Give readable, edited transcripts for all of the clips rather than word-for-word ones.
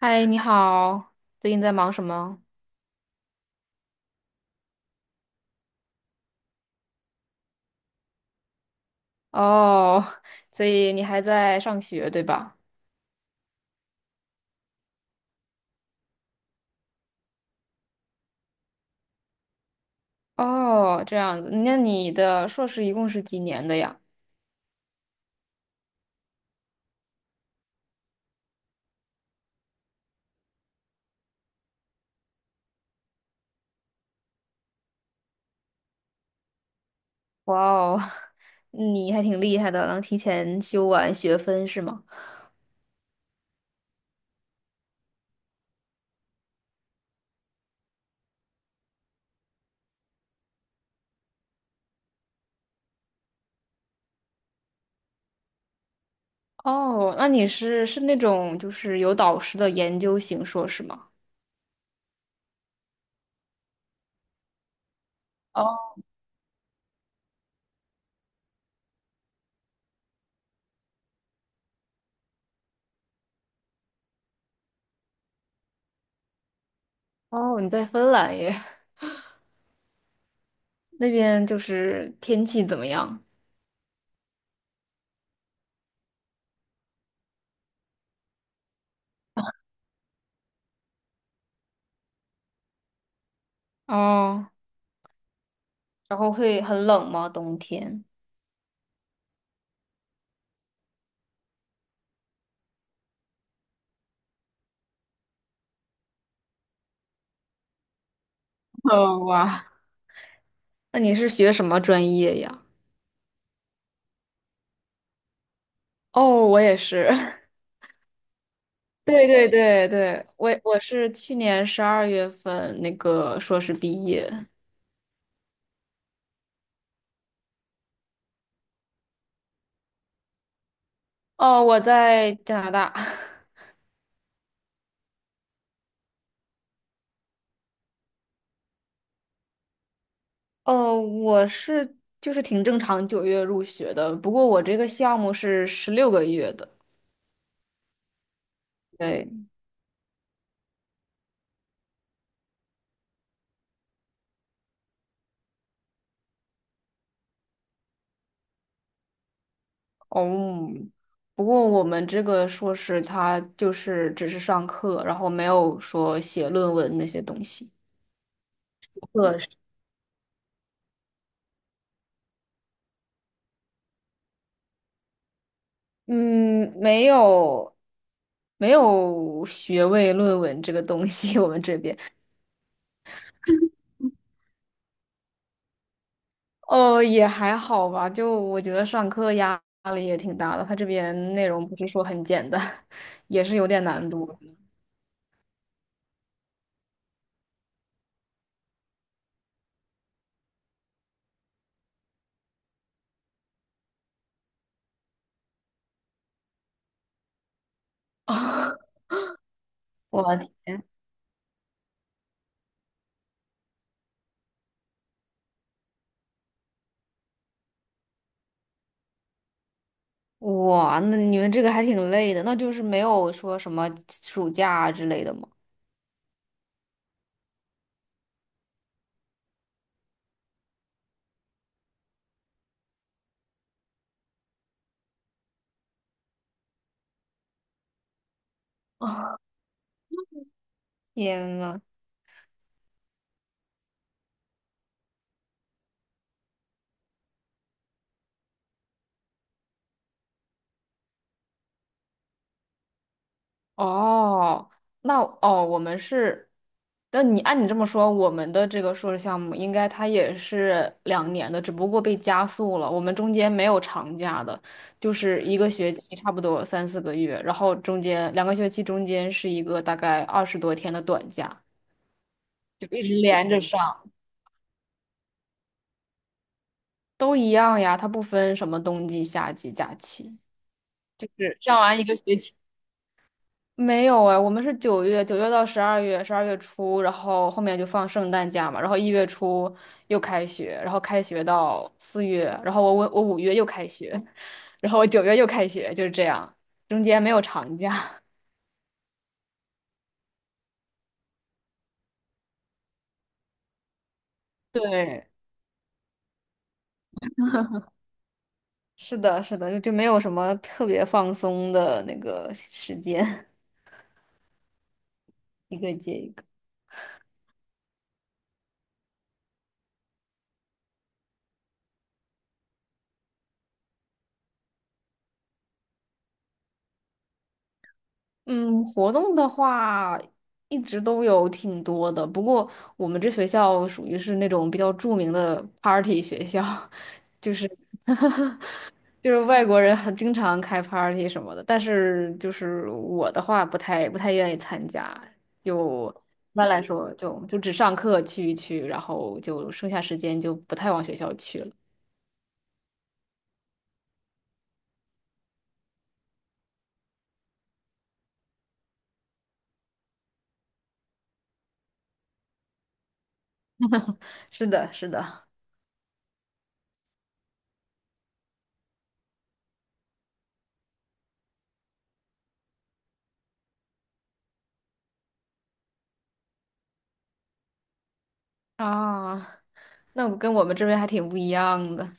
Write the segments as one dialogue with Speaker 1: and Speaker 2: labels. Speaker 1: 嗨，你好，最近在忙什么？哦，所以你还在上学，对吧？哦，这样子，那你的硕士一共是几年的呀？哇哦，你还挺厉害的，能提前修完学分是吗？哦，那你是那种就是有导师的研究型硕士吗？哦哦，你在芬兰耶，那边就是天气怎么样？哦，然后会很冷吗？冬天？哦，哇，那你是学什么专业呀？哦，我也是。对对对对，我是去年十二月份那个硕士毕业。哦，我在加拿大。哦，我是就是挺正常，九月入学的。不过我这个项目是十六个月的。对，哦，不过我们这个硕士他就是只是上课，然后没有说写论文那些东西。课嗯，没有，没有学位论文这个东西，我们这边哦也还好吧，就我觉得上课压力也挺大的，他这边内容不是说很简单，也是有点难度。我哇，那你们这个还挺累的，那就是没有说什么暑假之类的吗？天呐，哦，那哦，我们是，那你按你这么说，我们的这个硕士项目应该它也是两年的，只不过被加速了。我们中间没有长假的，就是一个学期差不多三四个月，然后中间两个学期中间是一个大概二十多天的短假，就一直连着上，都一样呀，它不分什么冬季、夏季假期，是上完一个学期。没有哎，我们是九月，九月到十二月，十二月初，然后后面就放圣诞假嘛，然后一月初又开学，然后开学到四月，然后我五月又开学，然后我九月又开学，就是这样，中间没有长假。对，是的，是的，就没有什么特别放松的那个时间，一个接一个。嗯，活动的话一直都有挺多的，不过我们这学校属于是那种比较著名的 party 学校，就是 就是外国人很经常开 party 什么的，但是就是我的话不太愿意参加，就一般来说就只上课去一去，然后就剩下时间就不太往学校去了。是的，是的。啊，那我跟我们这边还挺不一样的。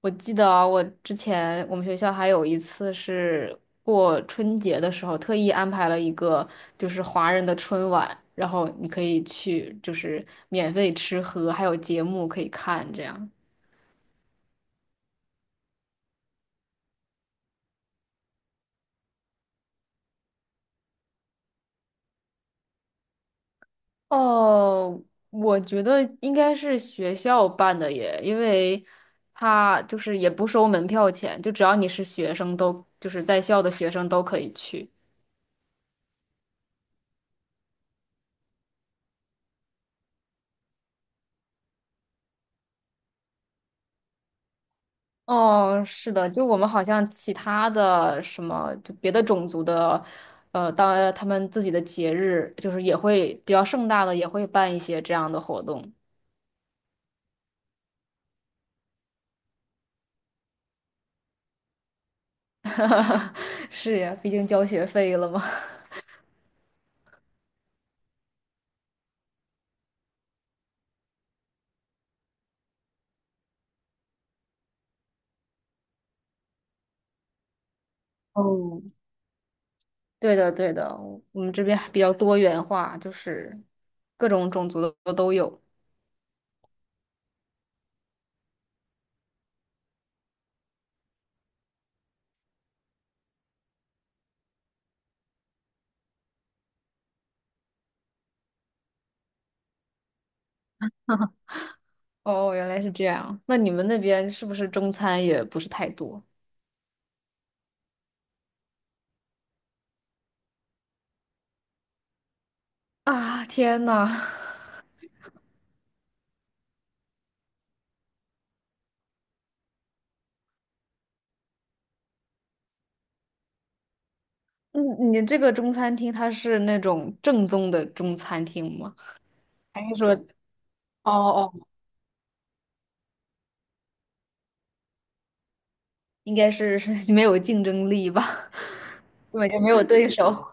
Speaker 1: 我记得啊我之前我们学校还有一次是过春节的时候，特意安排了一个就是华人的春晚，然后你可以去就是免费吃喝，还有节目可以看这样。哦，我觉得应该是学校办的耶，因为他就是也不收门票钱，就只要你是学生都就是在校的学生都可以去。哦，是的，就我们好像其他的什么，就别的种族的，他们自己的节日，就是也会比较盛大的，也会办一些这样的活动。是呀，毕竟交学费了嘛。哦，对的，对的，我们这边比较多元化，就是各种种族的都有。哦，原来是这样。那你们那边是不是中餐也不是太多啊？天呐！嗯，你这个中餐厅它是那种正宗的中餐厅吗？还是说，哦哦，应该是 没有竞争力吧，根本就没有对手。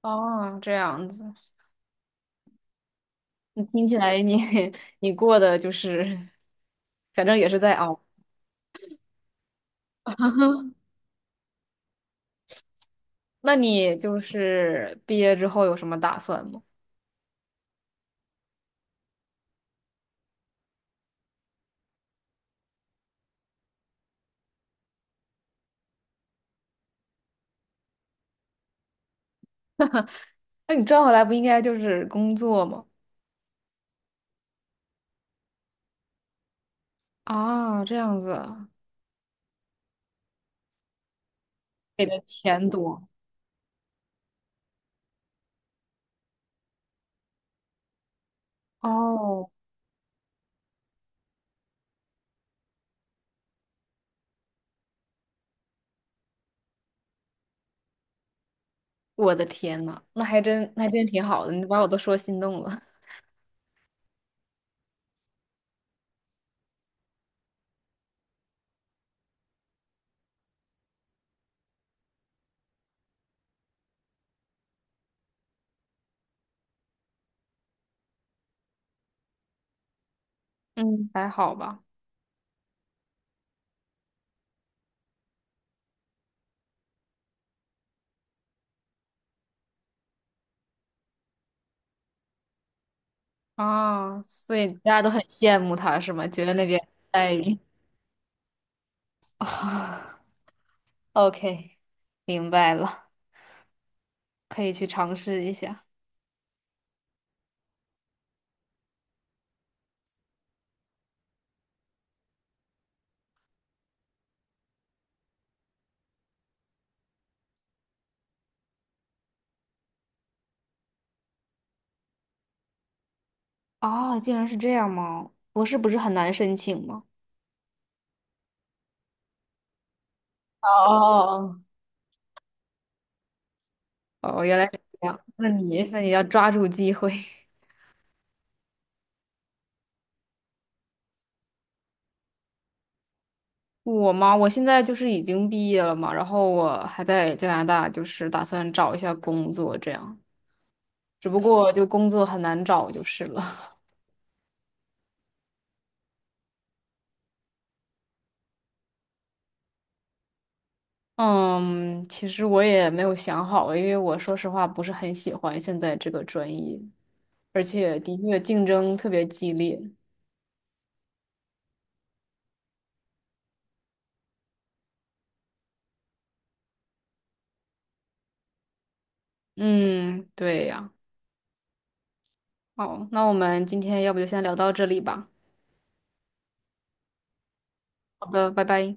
Speaker 1: 哦，这样子，你听起来你 你过的就是，反正也是在熬。那你就是毕业之后有什么打算吗？那你赚回来不应该就是工作吗？啊，这样子啊给的钱多。哦，我的天呐，那还真那还真挺好的，你把我都说心动了。嗯，还好吧。啊，所以大家都很羡慕他是吗？觉得那边待遇啊 ，OK，明白了，可以去尝试一下。哦，竟然是这样吗？博士不是很难申请吗？哦哦哦，哦，原来是这样。那你要抓住机会。我嘛，我现在就是已经毕业了嘛，然后我还在加拿大，就是打算找一下工作这样。只不过就工作很难找就是了。嗯，其实我也没有想好，因为我说实话不是很喜欢现在这个专业，而且的确竞争特别激烈。嗯，对呀。好，那我们今天要不就先聊到这里吧。好的，拜拜。